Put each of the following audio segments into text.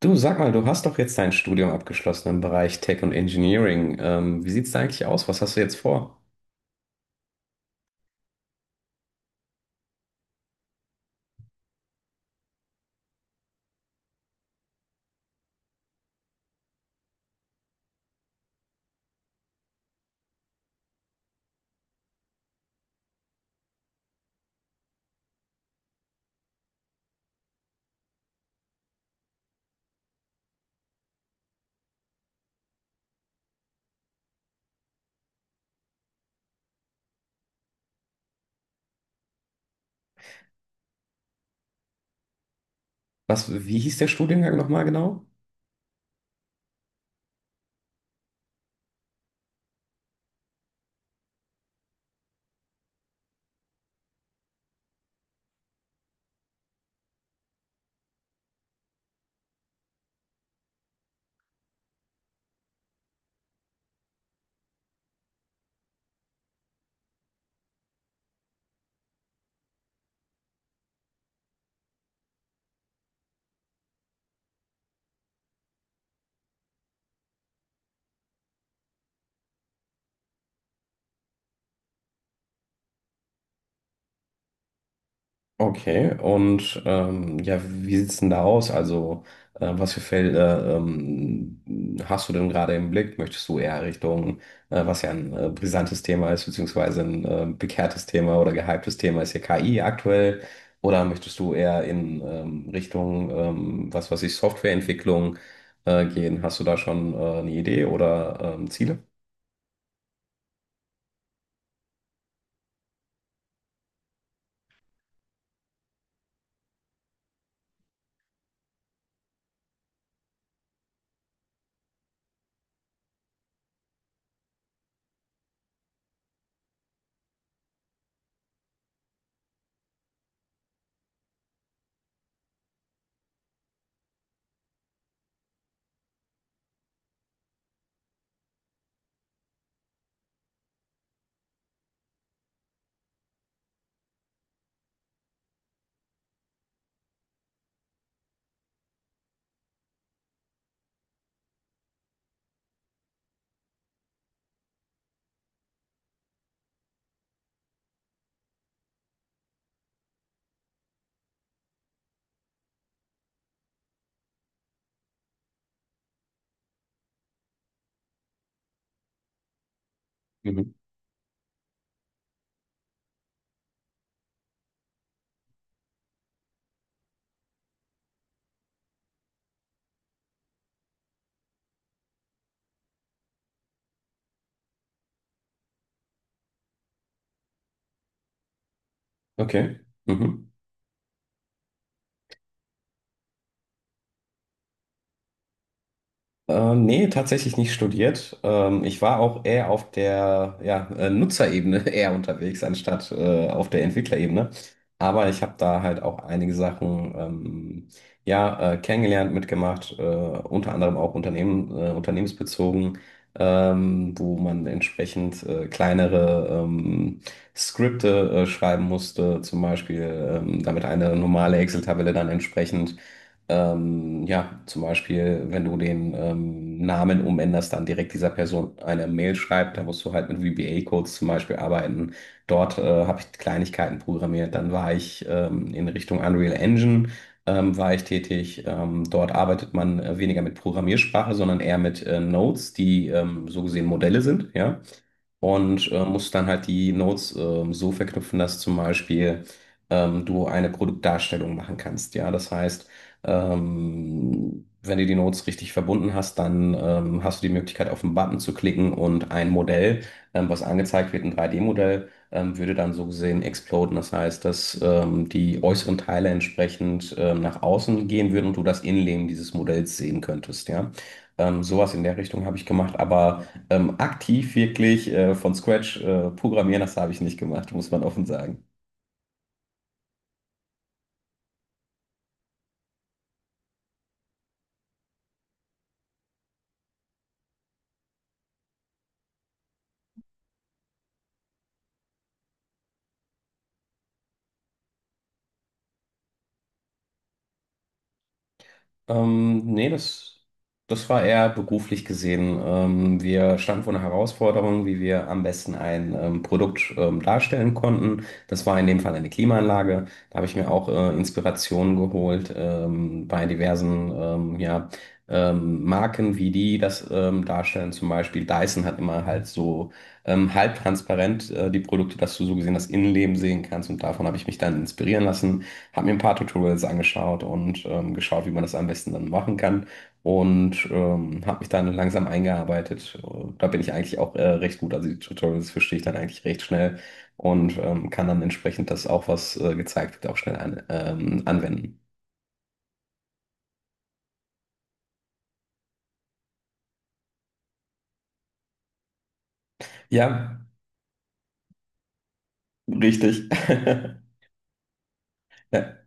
Du, sag mal, du hast doch jetzt dein Studium abgeschlossen im Bereich Tech und Engineering. Wie sieht's da eigentlich aus? Was hast du jetzt vor? Was, wie hieß der Studiengang nochmal genau? Okay, und ja, wie sieht's denn da aus? Also, was für Felder hast du denn gerade im Blick? Möchtest du eher Richtung, was ja ein brisantes Thema ist, beziehungsweise ein bekehrtes Thema oder gehyptes Thema ist ja KI aktuell? Oder möchtest du eher in Richtung, was weiß ich, Softwareentwicklung gehen? Hast du da schon eine Idee oder Ziele? Mhm. Okay. Mhm. Nee, tatsächlich nicht studiert. Ich war auch eher auf der ja, Nutzerebene eher unterwegs, anstatt auf der Entwicklerebene. Aber ich habe da halt auch einige Sachen ja, kennengelernt, mitgemacht, unter anderem auch Unternehmen, unternehmensbezogen, wo man entsprechend kleinere Skripte schreiben musste, zum Beispiel, damit eine normale Excel-Tabelle dann entsprechend ja, zum Beispiel, wenn du den Namen umänderst, dann direkt dieser Person eine Mail schreibt, da musst du halt mit VBA-Codes zum Beispiel arbeiten. Dort habe ich Kleinigkeiten programmiert. Dann war ich in Richtung Unreal Engine war ich tätig. Dort arbeitet man weniger mit Programmiersprache, sondern eher mit Nodes, die so gesehen Modelle sind, ja und musst dann halt die Nodes so verknüpfen, dass zum Beispiel du eine Produktdarstellung machen kannst. Ja, das heißt, wenn du die Nodes richtig verbunden hast, dann hast du die Möglichkeit, auf einen Button zu klicken und ein Modell, was angezeigt wird, ein 3D-Modell, würde dann so gesehen exploden. Das heißt, dass die äußeren Teile entsprechend nach außen gehen würden und du das Innenleben dieses Modells sehen könntest. Ja, sowas in der Richtung habe ich gemacht, aber aktiv wirklich von Scratch programmieren, das habe ich nicht gemacht, muss man offen sagen. Nee, das war eher beruflich gesehen. Wir standen vor einer Herausforderung, wie wir am besten ein Produkt darstellen konnten. Das war in dem Fall eine Klimaanlage. Da habe ich mir auch Inspirationen geholt bei diversen ja, Marken, wie die das darstellen. Zum Beispiel Dyson hat immer halt so halbtransparent die Produkte, dass du so gesehen das Innenleben sehen kannst. Und davon habe ich mich dann inspirieren lassen, habe mir ein paar Tutorials angeschaut und geschaut, wie man das am besten dann machen kann und habe mich dann langsam eingearbeitet. Da bin ich eigentlich auch recht gut. Also die Tutorials verstehe ich dann eigentlich recht schnell und kann dann entsprechend das auch, was gezeigt wird, auch schnell an, anwenden. Ja, richtig. Ja.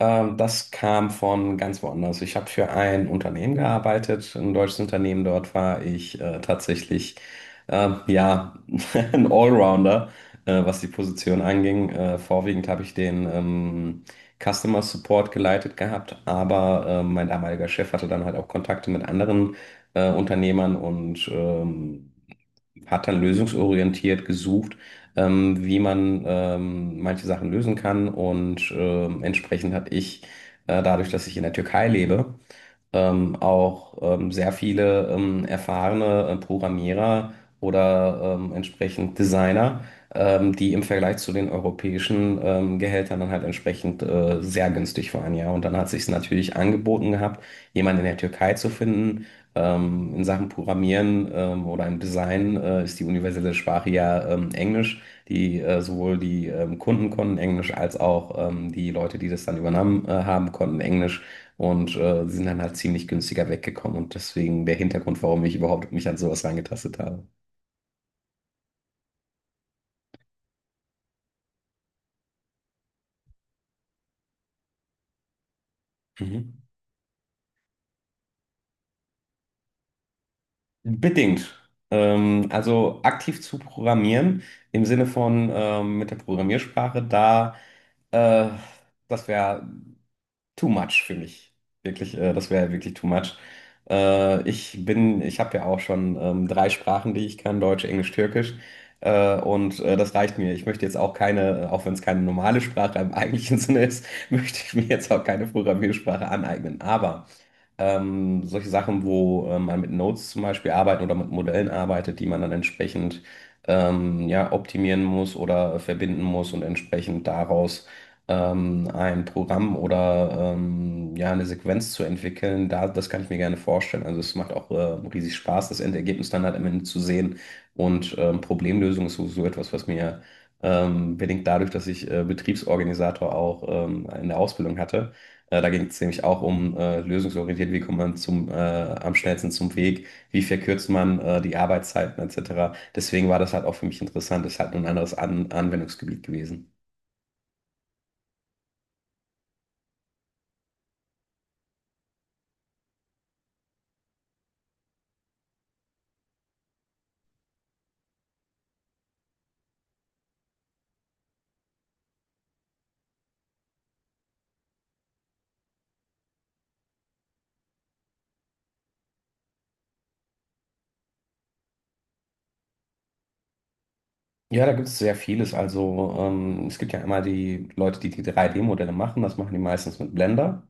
Das kam von ganz woanders. Ich habe für ein Unternehmen gearbeitet, ein deutsches Unternehmen. Dort war ich tatsächlich ja ein Allrounder, was die Position anging. Vorwiegend habe ich den Customer Support geleitet gehabt, aber mein damaliger Chef hatte dann halt auch Kontakte mit anderen Unternehmern und hat dann lösungsorientiert gesucht, wie man manche Sachen lösen kann. Und entsprechend hat ich, dadurch, dass ich in der Türkei lebe, auch sehr viele erfahrene Programmierer oder entsprechend Designer, die im Vergleich zu den europäischen Gehältern dann halt entsprechend sehr günstig waren, ja. Und dann hat sich es natürlich angeboten gehabt, jemanden in der Türkei zu finden. In Sachen Programmieren oder im Design ist die universelle Sprache ja Englisch. Die Sowohl die Kunden konnten Englisch als auch die Leute, die das dann übernommen haben, konnten Englisch. Und sie sind dann halt ziemlich günstiger weggekommen und deswegen der Hintergrund, warum ich überhaupt mich an sowas rangetastet habe. Mhm. Bedingt. Also aktiv zu programmieren im Sinne von mit der Programmiersprache, da äh, das wäre too much für mich. Wirklich, das wäre wirklich too much. Ich habe ja auch schon 3 Sprachen, die ich kann, Deutsch, Englisch, Türkisch. Und das reicht mir. Ich möchte jetzt auch keine, auch wenn es keine normale Sprache im eigentlichen Sinne ist, möchte ich mir jetzt auch keine Programmiersprache aneignen. Aber solche Sachen, wo man mit Nodes zum Beispiel arbeitet oder mit Modellen arbeitet, die man dann entsprechend ja, optimieren muss oder verbinden muss und entsprechend daraus ein Programm oder ja, eine Sequenz zu entwickeln, da, das kann ich mir gerne vorstellen. Also es macht auch riesig Spaß, das Endergebnis dann halt am Ende zu sehen. Und Problemlösung ist sowieso etwas, was mir bedingt dadurch, dass ich Betriebsorganisator auch in der Ausbildung hatte da ging es nämlich auch um lösungsorientiert, wie kommt man zum, am schnellsten zum Weg, wie verkürzt man die Arbeitszeiten etc. Deswegen war das halt auch für mich interessant, ist halt nur ein anderes An Anwendungsgebiet gewesen. Ja, da gibt es sehr vieles. Also es gibt ja immer die Leute, die die 3D-Modelle machen, das machen die meistens mit Blender.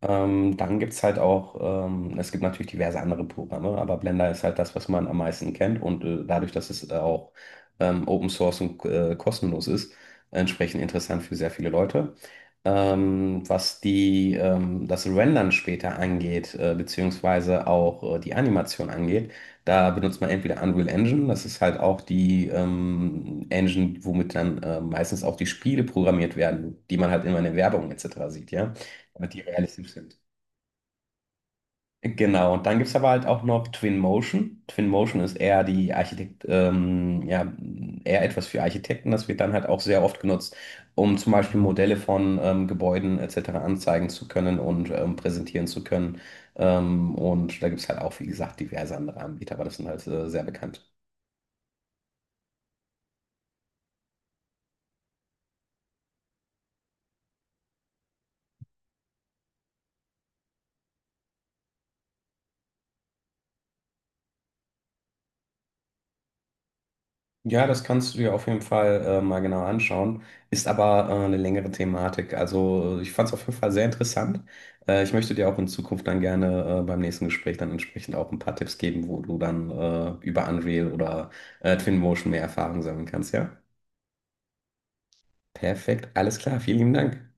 Dann gibt es halt auch, es gibt natürlich diverse andere Programme, aber Blender ist halt das, was man am meisten kennt und dadurch, dass es auch Open Source und kostenlos ist, entsprechend interessant für sehr viele Leute. Was die, das Rendern später angeht, beziehungsweise auch die Animation angeht. Da benutzt man entweder Unreal Engine, das ist halt auch die Engine, womit dann meistens auch die Spiele programmiert werden, die man halt immer in der Werbung etc. sieht, ja, damit die realistisch sind. Genau, und dann gibt es aber halt auch noch Twinmotion. Twinmotion ist eher ja, eher etwas für Architekten. Das wird dann halt auch sehr oft genutzt, um zum Beispiel Modelle von Gebäuden etc. anzeigen zu können und präsentieren zu können. Und da gibt es halt auch, wie gesagt, diverse andere Anbieter, aber das sind halt sehr bekannt. Ja, das kannst du dir auf jeden Fall mal genau anschauen. Ist aber eine längere Thematik. Also ich fand es auf jeden Fall sehr interessant. Ich möchte dir auch in Zukunft dann gerne beim nächsten Gespräch dann entsprechend auch ein paar Tipps geben, wo du dann über Unreal oder Twinmotion mehr Erfahrung sammeln kannst, ja? Perfekt, alles klar, vielen lieben Dank.